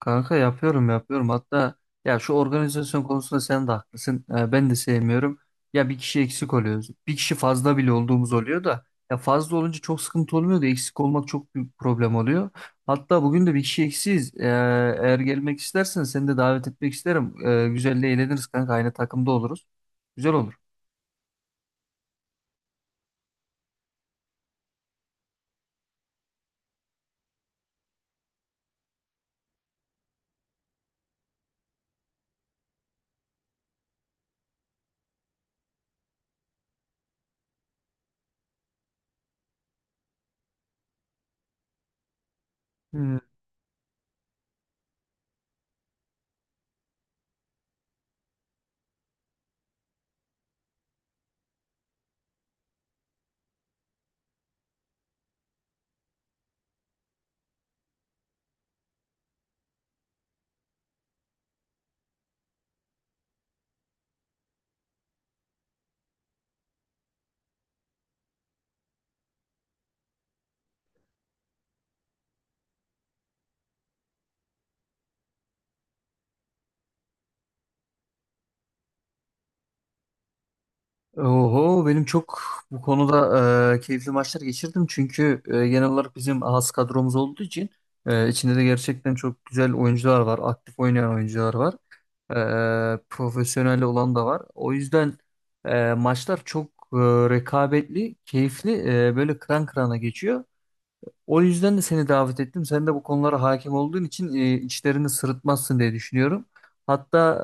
Kanka yapıyorum yapıyorum. Hatta ya şu organizasyon konusunda sen de haklısın. Ben de sevmiyorum. Ya bir kişi eksik oluyoruz. Bir kişi fazla bile olduğumuz oluyor da ya fazla olunca çok sıkıntı olmuyor da eksik olmak çok büyük problem oluyor. Hatta bugün de bir kişi eksiyiz. Eğer gelmek istersen seni de davet etmek isterim. Güzel eğleniriz kanka. Aynı takımda oluruz. Güzel olur. Oho benim çok bu konuda keyifli maçlar geçirdim. Çünkü genel olarak bizim az kadromuz olduğu için içinde de gerçekten çok güzel oyuncular var. Aktif oynayan oyuncular var. Profesyonel olan da var. O yüzden maçlar çok e, rekabetli, keyifli, böyle kıran kırana geçiyor. O yüzden de seni davet ettim. Sen de bu konulara hakim olduğun için içlerini sırıtmazsın diye düşünüyorum. Hatta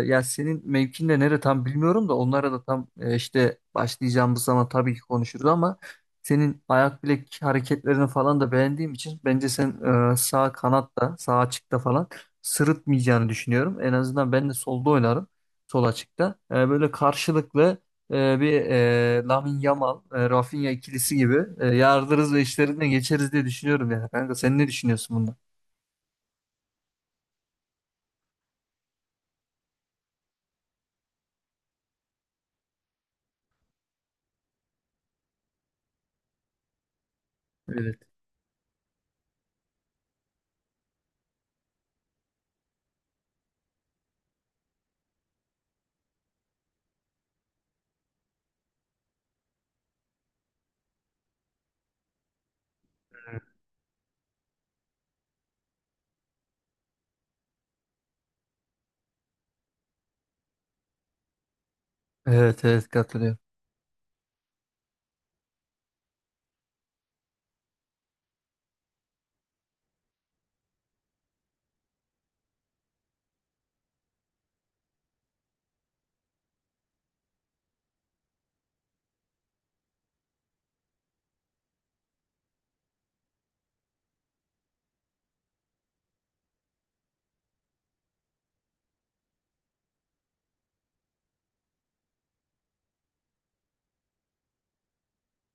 ya senin mevkin de nere tam bilmiyorum da onlara da tam işte başlayacağımız zaman tabii ki konuşuruz ama senin ayak bilek hareketlerini falan da beğendiğim için bence sen sağ kanatta, sağ açıkta falan sırıtmayacağını düşünüyorum. En azından ben de solda oynarım, sol açıkta. Böyle karşılıklı bir Lamine Yamal, Rafinha ikilisi gibi yardırız ve işlerinden geçeriz diye düşünüyorum yani. Kanka sen ne düşünüyorsun bundan? Evet. Evet evet katılıyorum.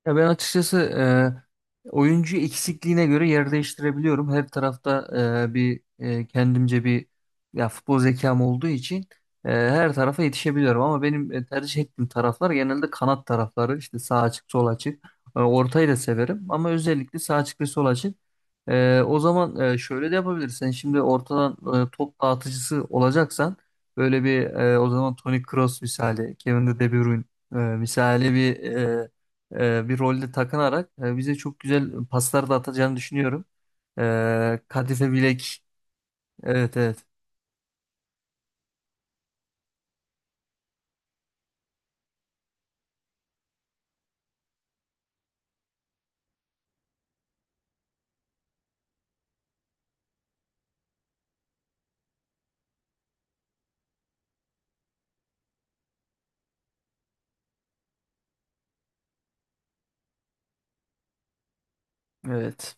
Ya ben açıkçası oyuncu eksikliğine göre yer değiştirebiliyorum. Her tarafta kendimce bir ya futbol zekam olduğu için her tarafa yetişebiliyorum. Ama benim tercih ettiğim taraflar genelde kanat tarafları. İşte sağ açık, sol açık. Ortayı da severim ama özellikle sağ açık ve sol açık. O zaman şöyle de yapabilirsin. Şimdi ortadan top dağıtıcısı olacaksan böyle o zaman Toni Kroos misali, Kevin De Bruyne misali bir rolde takınarak bize çok güzel paslar da atacağını düşünüyorum. Kadife Bilek. Evet evet. Evet.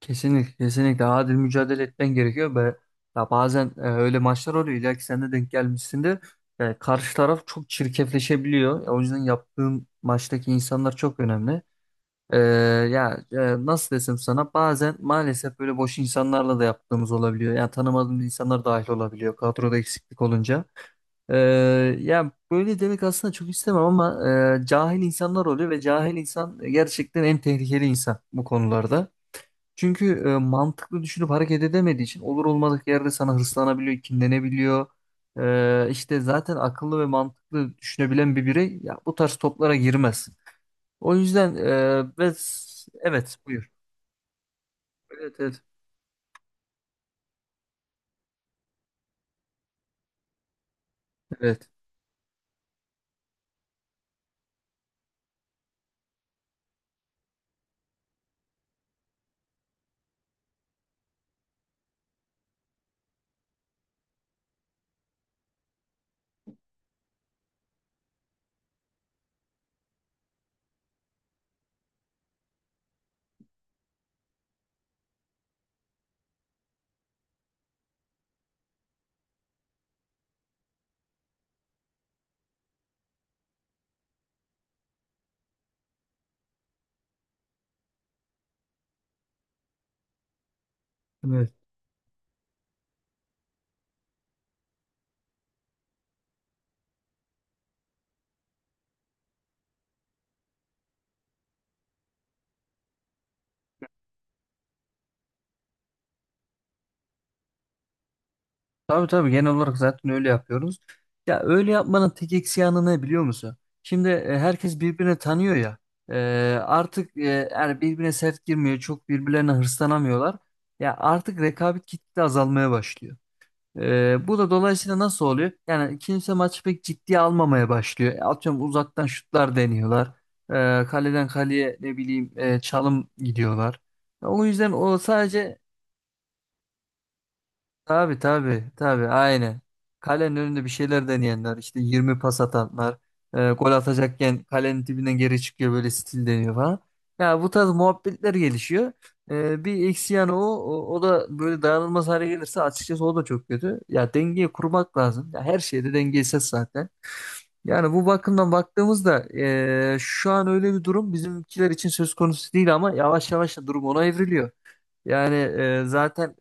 Kesinlikle kesinlikle adil mücadele etmen gerekiyor ve ya bazen öyle maçlar oluyor illa ki sen de denk gelmişsindir. Karşı taraf çok çirkefleşebiliyor. O yüzden yaptığın maçtaki insanlar çok önemli. E, nasıl desem sana bazen maalesef böyle boş insanlarla da yaptığımız olabiliyor. Yani tanımadığımız insanlar dahil olabiliyor kadroda eksiklik olunca. Ee, Ya böyle demek aslında çok istemem ama cahil insanlar oluyor ve cahil insan gerçekten en tehlikeli insan bu konularda. Çünkü mantıklı düşünüp hareket edemediği için olur olmadık yerde sana hırslanabiliyor, kinlenebiliyor. İşte zaten akıllı ve mantıklı düşünebilen bir birey ya bu tarz toplara girmez. O yüzden e, ve evet, buyur. Evet evet evet. Evet. Tabii tabii genel olarak zaten öyle yapıyoruz. Ya öyle yapmanın tek eksi yanı ne biliyor musun? Şimdi herkes birbirini tanıyor ya. E, artık e, yani birbirine sert girmiyor. Çok birbirlerine hırslanamıyorlar. Ya artık rekabet gitgide azalmaya başlıyor. Bu da dolayısıyla nasıl oluyor? Yani kimse maçı pek ciddiye almamaya başlıyor. Atıyorum, uzaktan şutlar deniyorlar. Kaleden kaleye ne bileyim çalım gidiyorlar. O yüzden o sadece tabii tabii tabii aynen. Kalenin önünde bir şeyler deneyenler işte 20 pas atanlar gol atacakken kalenin dibinden geri çıkıyor böyle stil deniyor falan. Ya bu tarz muhabbetler gelişiyor. Bir eksi yanı o, o da böyle dayanılmaz hale gelirse açıkçası o da çok kötü. Ya dengeyi kurmak lazım. Ya her şeyde dengesiz zaten. Yani bu bakımdan baktığımızda şu an öyle bir durum bizimkiler için söz konusu değil ama yavaş yavaş da durum ona evriliyor. Zaten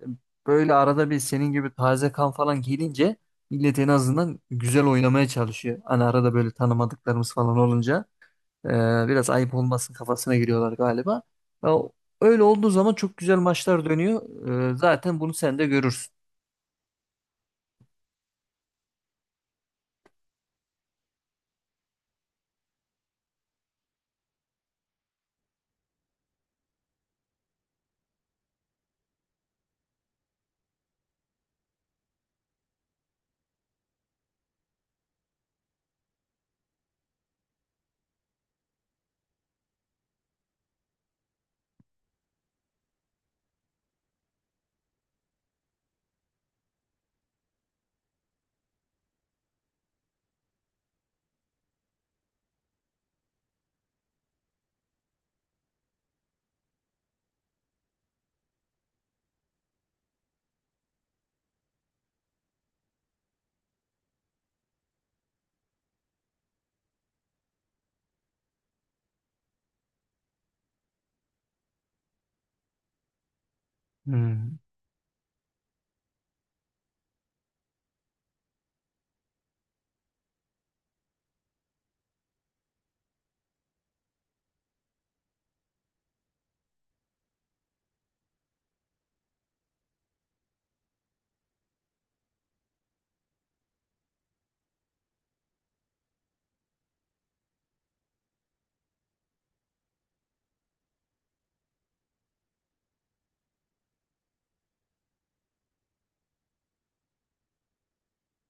böyle arada bir senin gibi taze kan falan gelince millet en azından güzel oynamaya çalışıyor. Hani arada böyle tanımadıklarımız falan olunca e, biraz ayıp olmasın kafasına giriyorlar galiba. Ya, öyle olduğu zaman çok güzel maçlar dönüyor. Zaten bunu sen de görürsün. Hmm,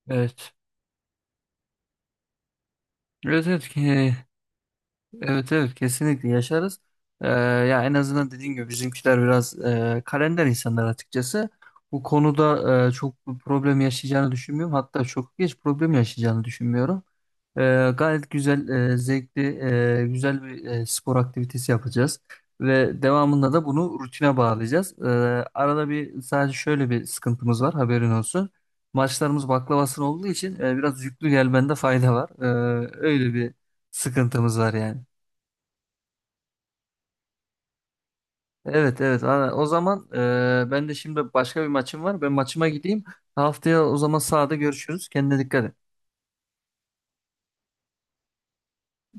evet. Evet evet. Evet evet kesinlikle yaşarız. Ee, Ya en azından dediğim gibi bizimkiler biraz kalender insanlar açıkçası. Bu konuda çok bir problem yaşayacağını düşünmüyorum. Hatta çok geç problem yaşayacağını düşünmüyorum. Gayet güzel, zevkli, güzel bir spor aktivitesi yapacağız. Ve devamında da bunu rutine bağlayacağız. Arada bir sadece şöyle bir sıkıntımız var, haberin olsun. Maçlarımız baklavasına olduğu için biraz yüklü gelmende fayda var. Öyle bir sıkıntımız var yani. Evet evet. Aa, o zaman ben de şimdi başka bir maçım var. Ben maçıma gideyim. Haftaya o zaman sahada görüşürüz. Kendine dikkat et.